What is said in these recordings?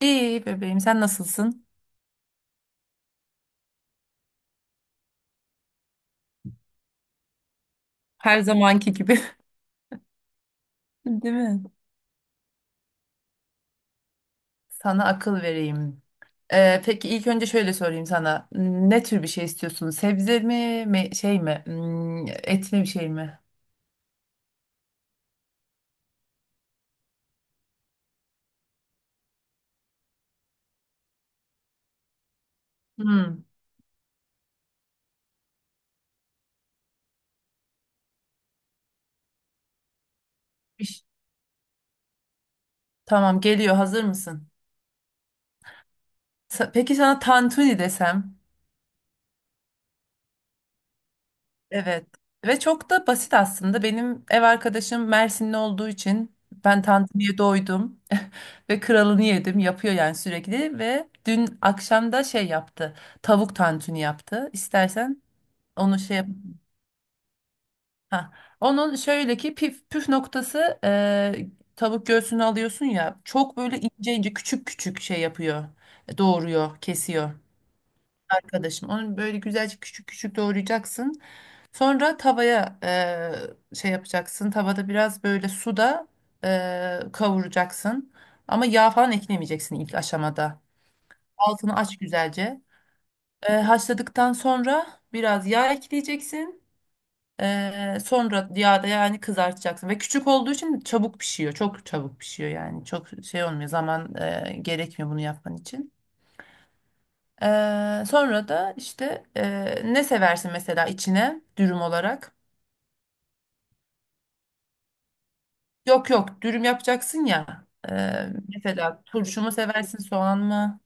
İyi bebeğim, sen nasılsın? Her zamanki gibi. Değil mi? Sana akıl vereyim. Peki ilk önce şöyle sorayım sana. Ne tür bir şey istiyorsun? Sebze mi, şey mi? Et mi, bir şey mi? Hmm. Bir ş- Tamam, geliyor. Hazır mısın? Peki sana tantuni desem? Evet ve çok da basit aslında. Benim ev arkadaşım Mersinli olduğu için ben tantuniye doydum ve kralını yedim. Yapıyor yani sürekli ve dün akşam da şey yaptı. Tavuk tantuni yaptı. İstersen onu şey yap. Ha. Onun şöyle ki püf noktası, tavuk göğsünü alıyorsun ya, çok böyle ince ince küçük küçük şey yapıyor. Doğruyor, kesiyor arkadaşım. Onu böyle güzelce küçük küçük doğrayacaksın. Sonra tavaya şey yapacaksın. Tavada biraz böyle suda kavuracaksın. Ama yağ falan eklemeyeceksin ilk aşamada. Altını aç güzelce. Haşladıktan sonra biraz yağ ekleyeceksin. Sonra yağda yani kızartacaksın. Ve küçük olduğu için çabuk pişiyor. Çok çabuk pişiyor yani. Çok şey olmuyor. Zaman gerekmiyor bunu yapman için. Sonra da işte ne seversin mesela içine dürüm olarak? Yok yok, dürüm yapacaksın ya. Ee, Mesela turşu mu seversin, soğan mı?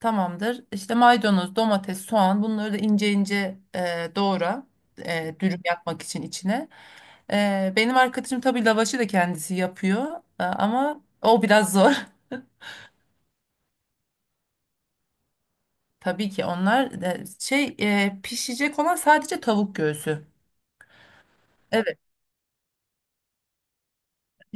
Tamamdır. İşte maydanoz, domates, soğan, bunları da ince ince doğra. Dürüm yapmak için içine. Benim arkadaşım tabii lavaşı da kendisi yapıyor. Ama o biraz zor. Tabii ki onlar şey, pişecek olan sadece tavuk göğsü. Evet.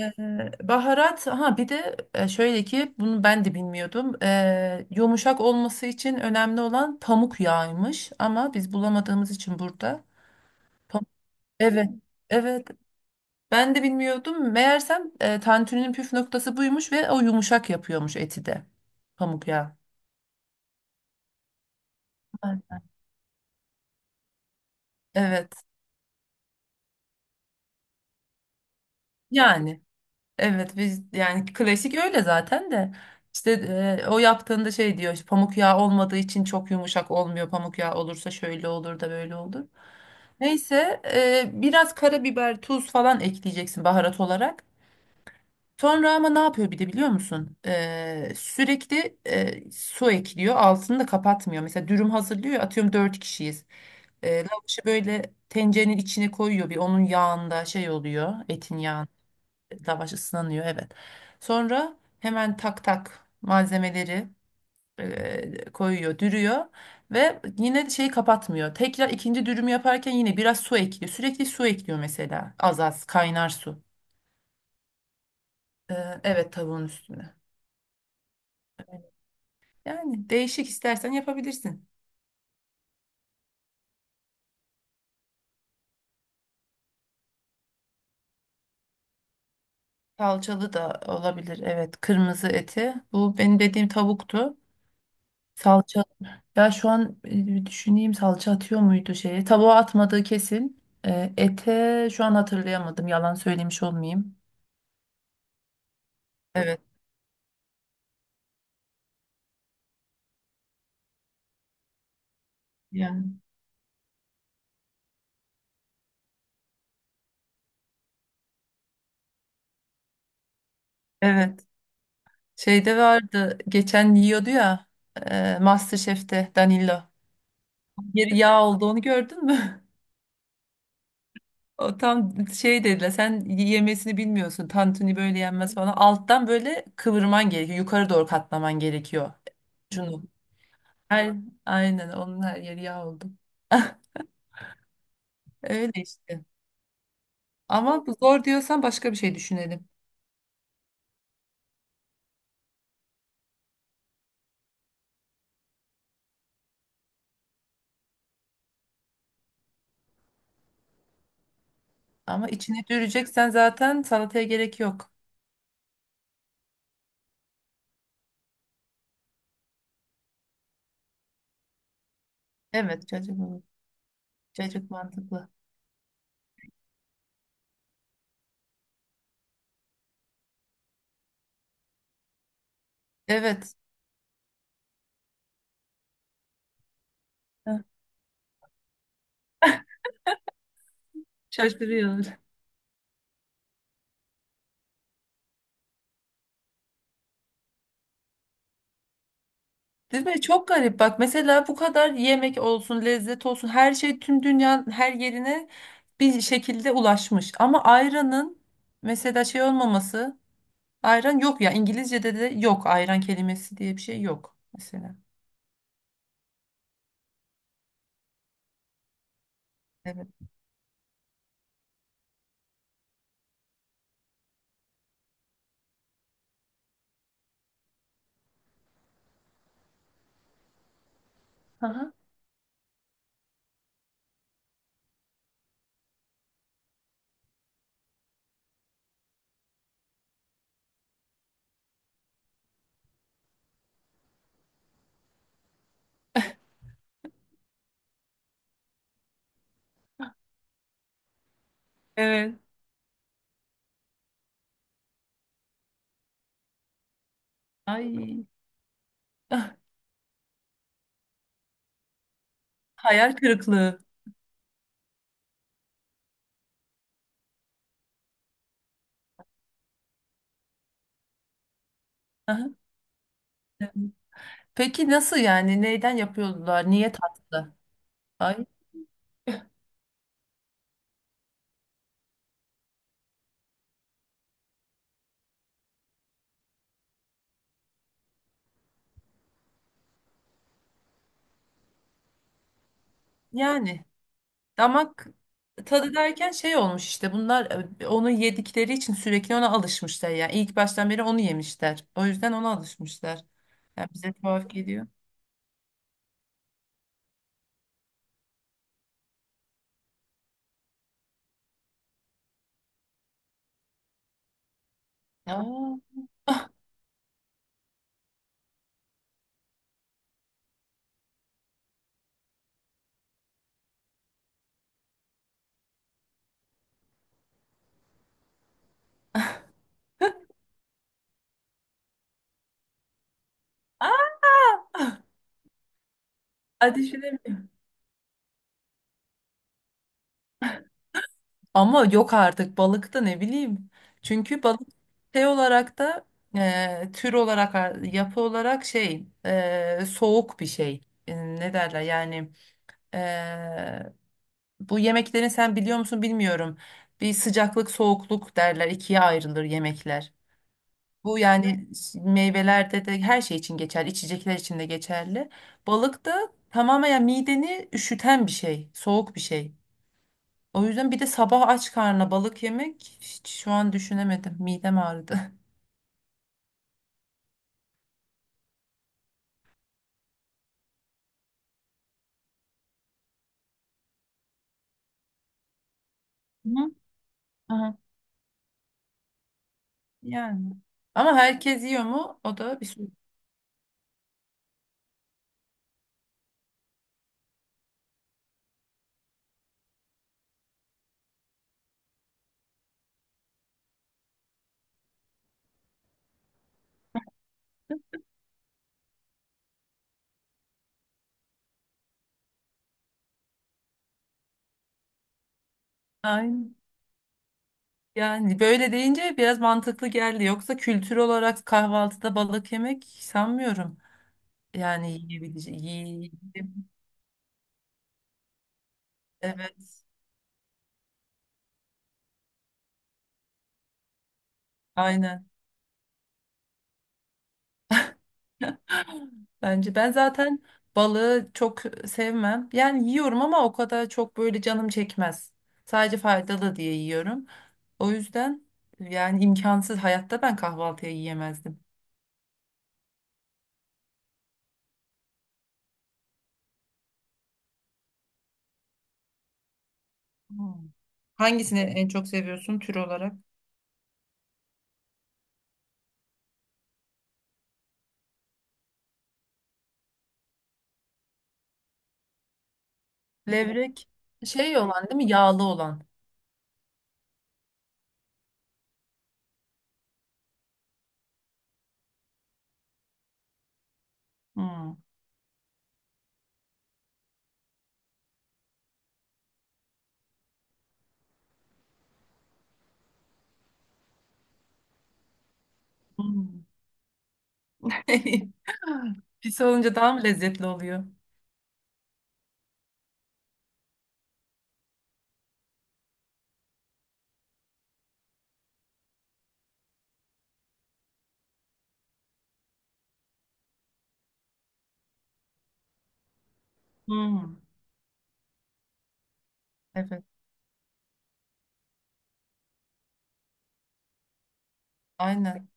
Ee, Baharat, ha bir de şöyle ki bunu ben de bilmiyordum. Yumuşak olması için önemli olan pamuk yağıymış ama biz bulamadığımız için burada. Pam- evet. Evet. Ben de bilmiyordum. Meğersem tantuninin püf noktası buymuş ve o yumuşak yapıyormuş eti de. Pamuk yağı. Ay. Evet. Yani evet, biz yani klasik öyle zaten de. İşte o yaptığında şey diyor işte, pamuk yağı olmadığı için çok yumuşak olmuyor. Pamuk yağı olursa şöyle olur da böyle olur. Neyse, biraz karabiber, tuz falan ekleyeceksin baharat olarak. Sonra ama ne yapıyor bir de, biliyor musun? Sürekli su ekliyor. Altını da kapatmıyor. Mesela dürüm hazırlıyor. Ya, atıyorum dört kişiyiz. Lavaşı böyle tencerenin içine koyuyor. Bir onun yağında şey oluyor. Etin yağında lavaş ıslanıyor. Evet. Sonra hemen tak tak malzemeleri koyuyor, dürüyor ve yine şeyi kapatmıyor. Tekrar ikinci dürümü yaparken yine biraz su ekliyor. Sürekli su ekliyor mesela. Az az kaynar su. Ee, evet, tavuğun üstüne. Yani değişik istersen yapabilirsin. Salçalı da olabilir. Evet, kırmızı eti. Bu benim dediğim tavuktu. Salça. Ya şu an bir düşüneyim, salça atıyor muydu şeye? Tavuğa atmadığı kesin. Ete şu an hatırlayamadım. Yalan söylemiş olmayayım. Evet. Yani. Evet. Şeyde vardı geçen, yiyordu ya, MasterChef'te Danilo. Bir yağ olduğunu gördün mü? O tam şey dediler, sen yemesini bilmiyorsun. Tantuni böyle yenmez falan. Alttan böyle kıvırman gerekiyor. Yukarı doğru katlaman gerekiyor. Şunu. Her, aynen, onun her yeri yağ oldu. Öyle işte. Ama bu zor diyorsan başka bir şey düşünelim. Ama içine düreceksen zaten salataya gerek yok. Evet çocuk, cacık mantıklı. Evet. Heh. Şaşırıyor. Değil mi? Çok garip. Bak mesela, bu kadar yemek olsun, lezzet olsun, her şey tüm dünyanın her yerine bir şekilde ulaşmış. Ama ayranın mesela şey olmaması, ayran yok ya, İngilizce'de de yok, ayran kelimesi diye bir şey yok mesela. Evet. Aha. Evet. Ay. Ah. Hayal kırıklığı. Aha. Peki nasıl yani? Neyden yapıyorlar? Niye tatlı? Ay yani. Damak tadı derken şey olmuş işte, bunlar onu yedikleri için sürekli ona alışmışlar yani, ilk baştan beri onu yemişler. O yüzden ona alışmışlar. Yani bize tuhaf geliyor. Aa, aa, ateş edemiyorum. Ama yok artık, balık da ne bileyim. Çünkü balık şey olarak da, tür olarak, yapı olarak şey, soğuk bir şey. Ne derler yani, e, bu yemeklerin, sen biliyor musun bilmiyorum. Bir sıcaklık soğukluk derler, ikiye ayrılır yemekler. Bu yani meyvelerde de, her şey için geçerli, içecekler için de geçerli. Balık da tamamen yani mideni üşüten bir şey, soğuk bir şey. O yüzden bir de sabah aç karnına balık yemek hiç, şu an düşünemedim. Midem ağrıdı. Hı. Aha. Yani. Ama herkes yiyor mu? O da bir soru. Aynen. Yani böyle deyince biraz mantıklı geldi. Yoksa kültür olarak kahvaltıda balık yemek sanmıyorum. Yani yiyebileceğim. Yiyebilirim. Evet. Aynen. Bence ben zaten balığı çok sevmem. Yani yiyorum ama o kadar çok böyle canım çekmez. Sadece faydalı diye yiyorum. O yüzden yani imkansız, hayatta ben kahvaltıya yiyemezdim. Hmm. Hangisini en çok seviyorsun tür olarak? Levrek şey olan değil mi? Yağlı olan. Hmm. Hmm. Pis olunca daha mı lezzetli oluyor? Hmm, evet, aynen.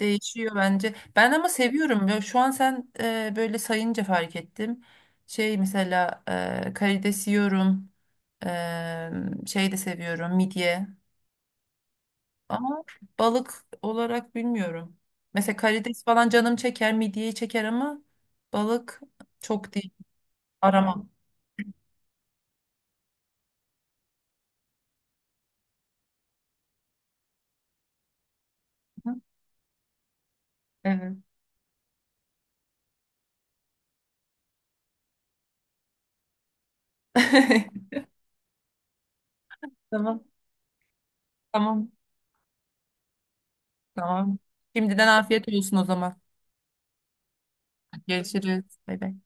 Değişiyor bence. Ben ama seviyorum. Ya şu an sen böyle sayınca fark ettim. Şey mesela, karides yiyorum. E, Şey de seviyorum, midye. Ama balık olarak bilmiyorum. Mesela karides falan canım çeker, midyeyi çeker ama balık çok değil. Aramam. Hı, evet. Tamam. Tamam. Tamam. Şimdiden afiyet olsun o zaman. Görüşürüz. Bay bay.